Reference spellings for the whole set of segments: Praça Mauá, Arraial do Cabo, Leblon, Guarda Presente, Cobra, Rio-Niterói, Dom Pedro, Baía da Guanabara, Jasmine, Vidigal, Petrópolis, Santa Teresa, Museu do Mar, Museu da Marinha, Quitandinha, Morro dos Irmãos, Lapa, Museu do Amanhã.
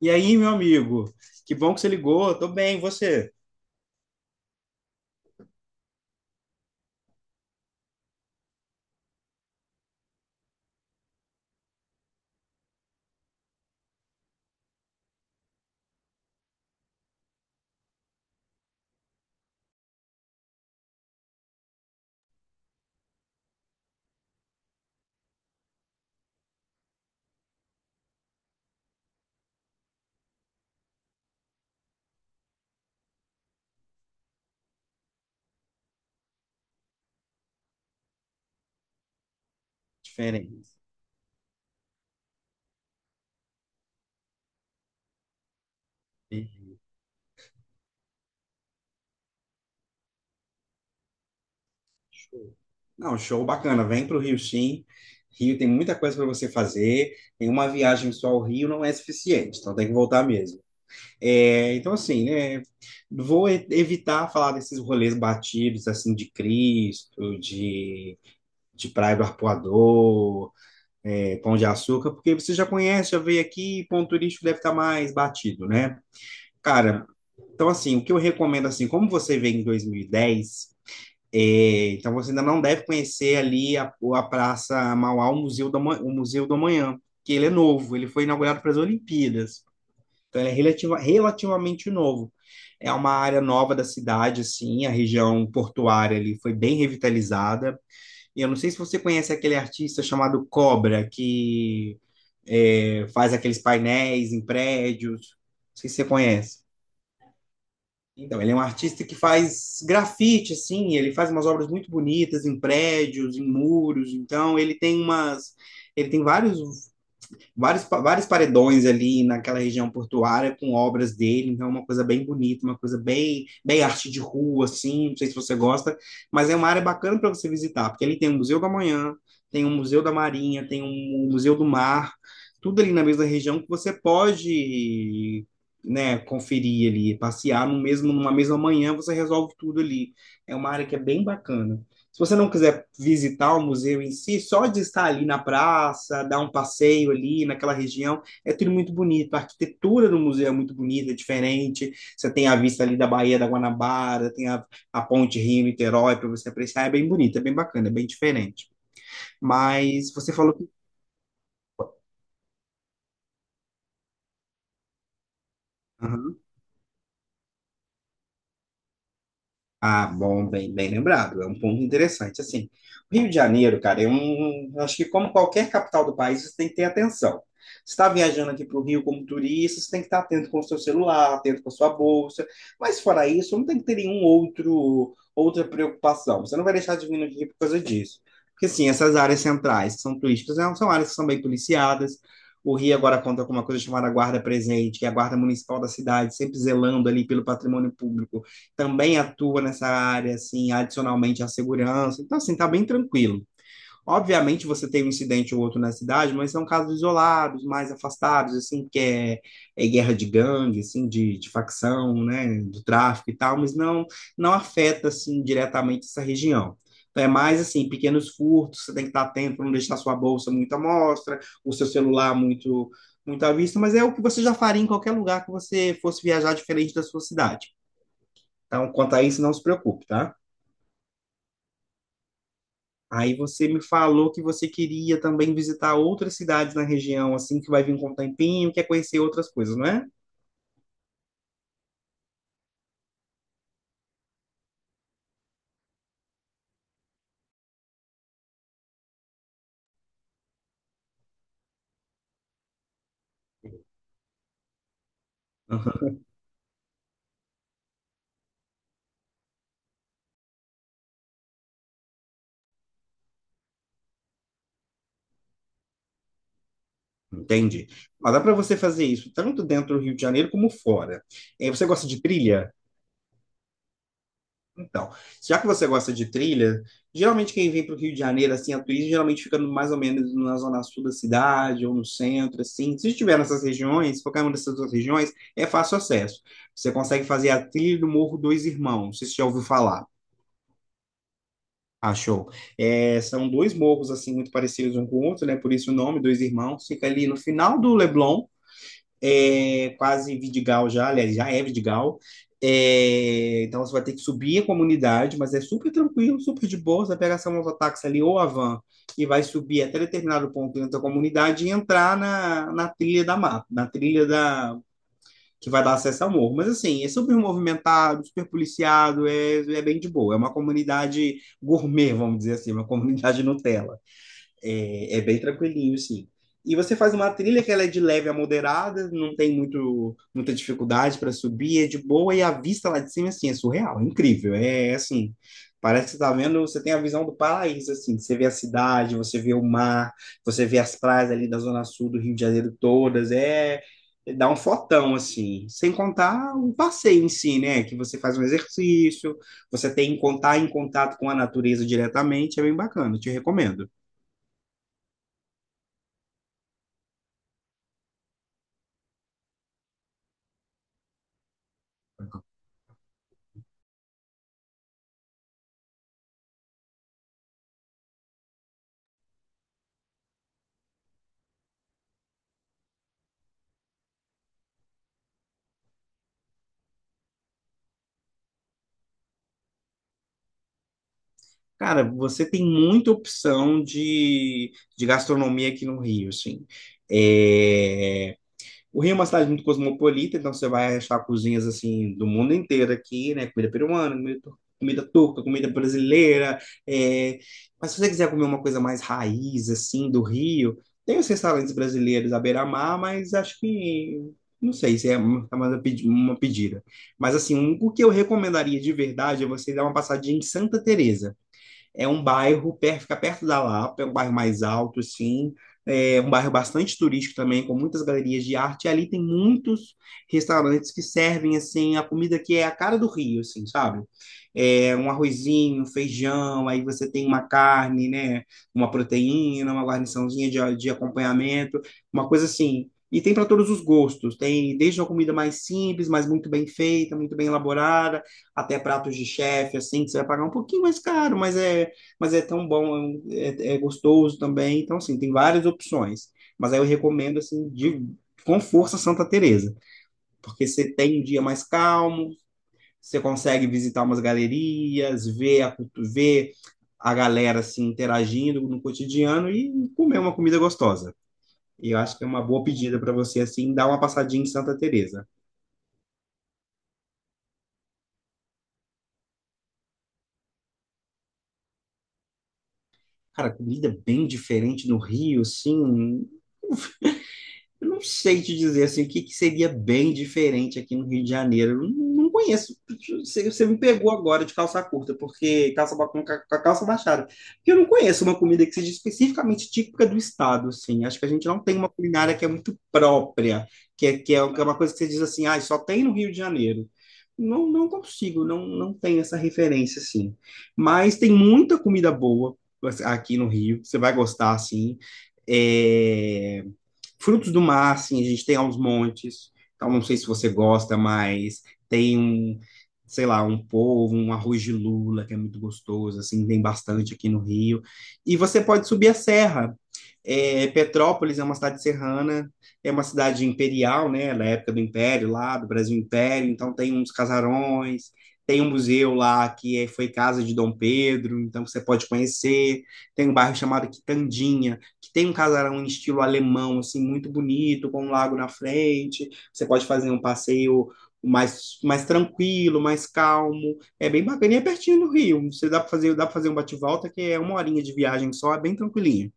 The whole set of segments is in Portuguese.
E aí, meu amigo? Que bom que você ligou. Tô bem, e você? Diferente. Uhum. Show. Não, show bacana. Vem para o Rio, sim. Rio tem muita coisa para você fazer. Em uma viagem só ao Rio não é suficiente, então tem que voltar mesmo. É, então, assim, né? Vou evitar falar desses rolês batidos, assim, de Cristo, de Praia do Arpoador, Pão de Açúcar, porque você já conhece, já veio aqui, ponto turístico deve estar mais batido, né? Cara. Então, assim, o que eu recomendo, assim, como você veio em 2010, então você ainda não deve conhecer ali a Praça Mauá, o Museu do Amanhã, que ele é novo, ele foi inaugurado para as Olimpíadas. Então, ele é relativamente novo. É uma área nova da cidade, assim, a região portuária ali foi bem revitalizada. E eu não sei se você conhece aquele artista chamado Cobra, que faz aqueles painéis em prédios. Não sei se você conhece. Então, ele é um artista que faz grafite, assim, ele faz umas obras muito bonitas em prédios, em muros, então ele tem umas, ele tem vários vários, vários paredões ali naquela região portuária com obras dele, então é uma coisa bem bonita, uma coisa bem, bem arte de rua, assim, não sei se você gosta, mas é uma área bacana para você visitar, porque ali tem o Museu da Manhã, tem o Museu da Marinha, tem o Museu do Mar, tudo ali na mesma região que você pode, né, conferir ali, passear no mesmo, numa mesma manhã, você resolve tudo ali. É uma área que é bem bacana. Se você não quiser visitar o museu em si, só de estar ali na praça, dar um passeio ali naquela região, é tudo muito bonito. A arquitetura do museu é muito bonita, é diferente. Você tem a vista ali da Baía da Guanabara, tem a ponte Rio-Niterói para você apreciar. É bem bonita, é bem bacana, é bem diferente. Mas você falou que. Aham. Ah, bom, bem, bem lembrado. É um ponto interessante. Assim, o Rio de Janeiro, cara, é um. Eu Acho que como qualquer capital do país, você tem que ter atenção. Você está viajando aqui para o Rio como turista, você tem que estar atento com o seu celular, atento com a sua bolsa. Mas fora isso, não tem que ter nenhum outro outra preocupação. Você não vai deixar de vir no Rio por causa disso. Porque assim, essas áreas centrais que são turísticas, né, são áreas que são bem policiadas. O Rio agora conta com uma coisa chamada Guarda Presente, que é a Guarda Municipal da cidade, sempre zelando ali pelo patrimônio público, também atua nessa área, assim, adicionalmente à segurança. Então, assim, tá bem tranquilo. Obviamente, você tem um incidente ou outro na cidade, mas são casos isolados, mais afastados, assim, que é guerra de gangue, assim, de facção, né, do tráfico e tal, mas não, não afeta, assim, diretamente essa região. Então, é mais, assim, pequenos furtos, você tem que estar atento para não deixar sua bolsa muito à mostra, o seu celular muito muito à vista, mas é o que você já faria em qualquer lugar que você fosse viajar diferente da sua cidade. Então, quanto a isso, não se preocupe, tá? Aí você me falou que você queria também visitar outras cidades na região, assim, que vai vir com o tempinho, quer conhecer outras coisas, não é? Aham. Entendi. Mas dá para você fazer isso tanto dentro do Rio de Janeiro como fora. Você gosta de trilha? Então, já que você gosta de trilha, geralmente quem vem para o Rio de Janeiro, assim, a turismo, geralmente fica mais ou menos na zona sul da cidade ou no centro, assim. Se estiver nessas regiões, qualquer uma dessas duas regiões, é fácil acesso. Você consegue fazer a trilha do Morro dos Irmãos, se você já ouviu falar. Achou. É, são dois morros, assim, muito parecidos um com o outro, né? Por isso o nome, Dois Irmãos. Fica ali no final do Leblon, é quase Vidigal já, aliás, já é Vidigal. É, então você vai ter que subir a comunidade, mas é super tranquilo, super de boa. Você pega essa mototáxi ali ou a van e vai subir até determinado ponto dentro da comunidade e entrar na trilha da mata, na trilha da que vai dar acesso ao morro. Mas assim, é super movimentado, super policiado, é, bem de boa. É uma comunidade gourmet, vamos dizer assim, uma comunidade Nutella. É bem tranquilinho, sim. E você faz uma trilha que ela é de leve a moderada, não tem muita dificuldade para subir, é de boa, e a vista lá de cima, assim, é surreal, é incrível. É assim, parece que você tá vendo, você tem a visão do paraíso, assim, você vê a cidade, você vê o mar, você vê as praias ali da zona sul do Rio de Janeiro todas, é dá um fotão, assim, sem contar o passeio em si, né, que você faz um exercício, você tem que estar em contato com a natureza diretamente, é bem bacana, te recomendo. Cara, você tem muita opção de gastronomia aqui no Rio, assim. É, O Rio é uma cidade muito cosmopolita, então você vai achar cozinhas, assim, do mundo inteiro aqui, né? Comida peruana, comida turca, comida brasileira. é, Mas se você quiser comer uma coisa mais raiz, assim, do Rio, tem os restaurantes brasileiros à beira-mar, mas acho que... Não sei se é uma pedida. Mas, assim, o que eu recomendaria de verdade é você dar uma passadinha em Santa Teresa. É um fica perto da Lapa, é um bairro mais alto, assim, é um bairro bastante turístico também, com muitas galerias de arte. E ali tem muitos restaurantes que servem, assim, a comida que é a cara do Rio, assim, sabe? É um arrozinho, um feijão, aí você tem uma carne, né? Uma proteína, uma guarniçãozinha de acompanhamento, uma coisa assim. E tem para todos os gostos. Tem desde uma comida mais simples, mas muito bem feita, muito bem elaborada, até pratos de chefe, assim, que você vai pagar um pouquinho mais caro, mas é tão bom, é gostoso também. Então, assim, tem várias opções. Mas aí eu recomendo, assim, com força Santa Teresa, porque você tem um dia mais calmo, você consegue visitar umas galerias, ver a galera, assim, interagindo no cotidiano e comer uma comida gostosa. E eu acho que é uma boa pedida para você, assim, dar uma passadinha em Santa Teresa. Cara, comida bem diferente no Rio, assim, eu não sei te dizer assim, o que, que seria bem diferente aqui no Rio de Janeiro. Eu não conheço. Você me pegou agora de calça curta, porque calça ba- com ca- com a calça baixada. Porque eu não conheço uma comida que seja especificamente típica do estado, assim. Acho que a gente não tem uma culinária que é muito própria, que é uma coisa que você diz assim, ah, só tem no Rio de Janeiro. Não, não consigo, não, não tenho essa referência, assim. Mas tem muita comida boa, assim, aqui no Rio, você vai gostar, assim. É... Frutos do mar, assim, a gente tem aos montes. Então, não sei se você gosta, mas tem um, sei lá, um polvo, um arroz de lula, que é muito gostoso, assim, tem bastante aqui no Rio. E você pode subir a serra. Petrópolis é uma cidade serrana, é uma cidade imperial, né, da época do Império, lá do Brasil Império, então tem uns casarões, tem um museu lá foi casa de Dom Pedro, então você pode conhecer, tem um bairro chamado Quitandinha, que tem um casarão em estilo alemão, assim, muito bonito, com um lago na frente. Você pode fazer um passeio mais tranquilo, mais calmo. É bem bacana e é pertinho do Rio. Você dá para fazer um bate-volta que é uma horinha de viagem só, é bem tranquilinho.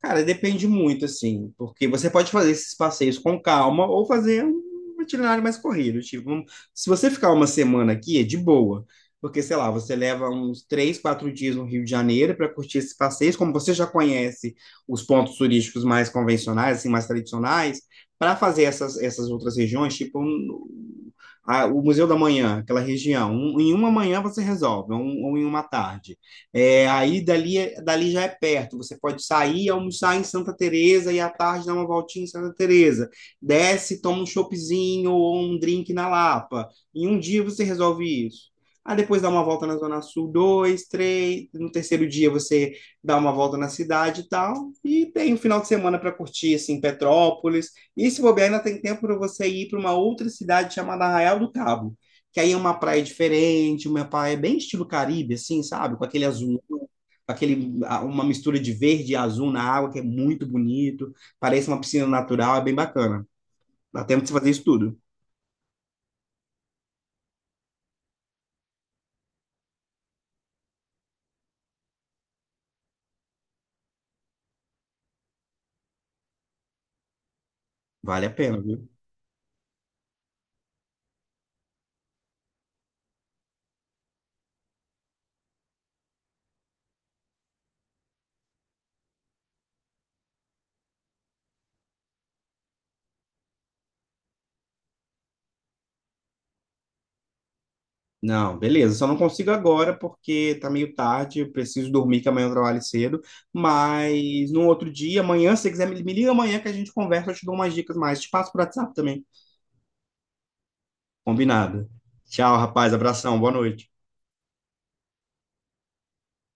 Cara, depende muito, assim, porque você pode fazer esses passeios com calma ou fazer um itinerário mais corrido. Tipo, se você ficar uma semana aqui, é de boa. Porque, sei lá, você leva uns 3, 4 dias no Rio de Janeiro para curtir esses passeios, como você já conhece os pontos turísticos mais convencionais, assim, mais tradicionais, para fazer essas outras regiões, tipo o Museu da Manhã, aquela região. Em uma manhã você resolve, ou em uma tarde. Aí dali já é perto. Você pode sair, e almoçar em Santa Teresa e à tarde dar uma voltinha em Santa Teresa. Desce, toma um choppzinho ou um drink na Lapa. Em um dia você resolve isso. Aí depois dá uma volta na Zona Sul, dois, três. No terceiro dia você dá uma volta na cidade e tal. E tem um final de semana para curtir, assim, Petrópolis. E se bobear, ainda tem tempo para você ir para uma outra cidade chamada Arraial do Cabo, que aí é uma praia diferente, uma praia bem estilo Caribe, assim, sabe? Com aquele azul, uma mistura de verde e azul na água, que é muito bonito. Parece uma piscina natural, é bem bacana. Dá tempo de você fazer isso tudo. Vale a pena, viu? Não, beleza. Só não consigo agora porque tá meio tarde, eu preciso dormir, que amanhã eu trabalho cedo. Mas no outro dia, amanhã, se você quiser, me liga amanhã que a gente conversa, eu te dou umas dicas mais. Te passo por WhatsApp também. Combinado. Tchau, rapaz. Abração. Boa noite.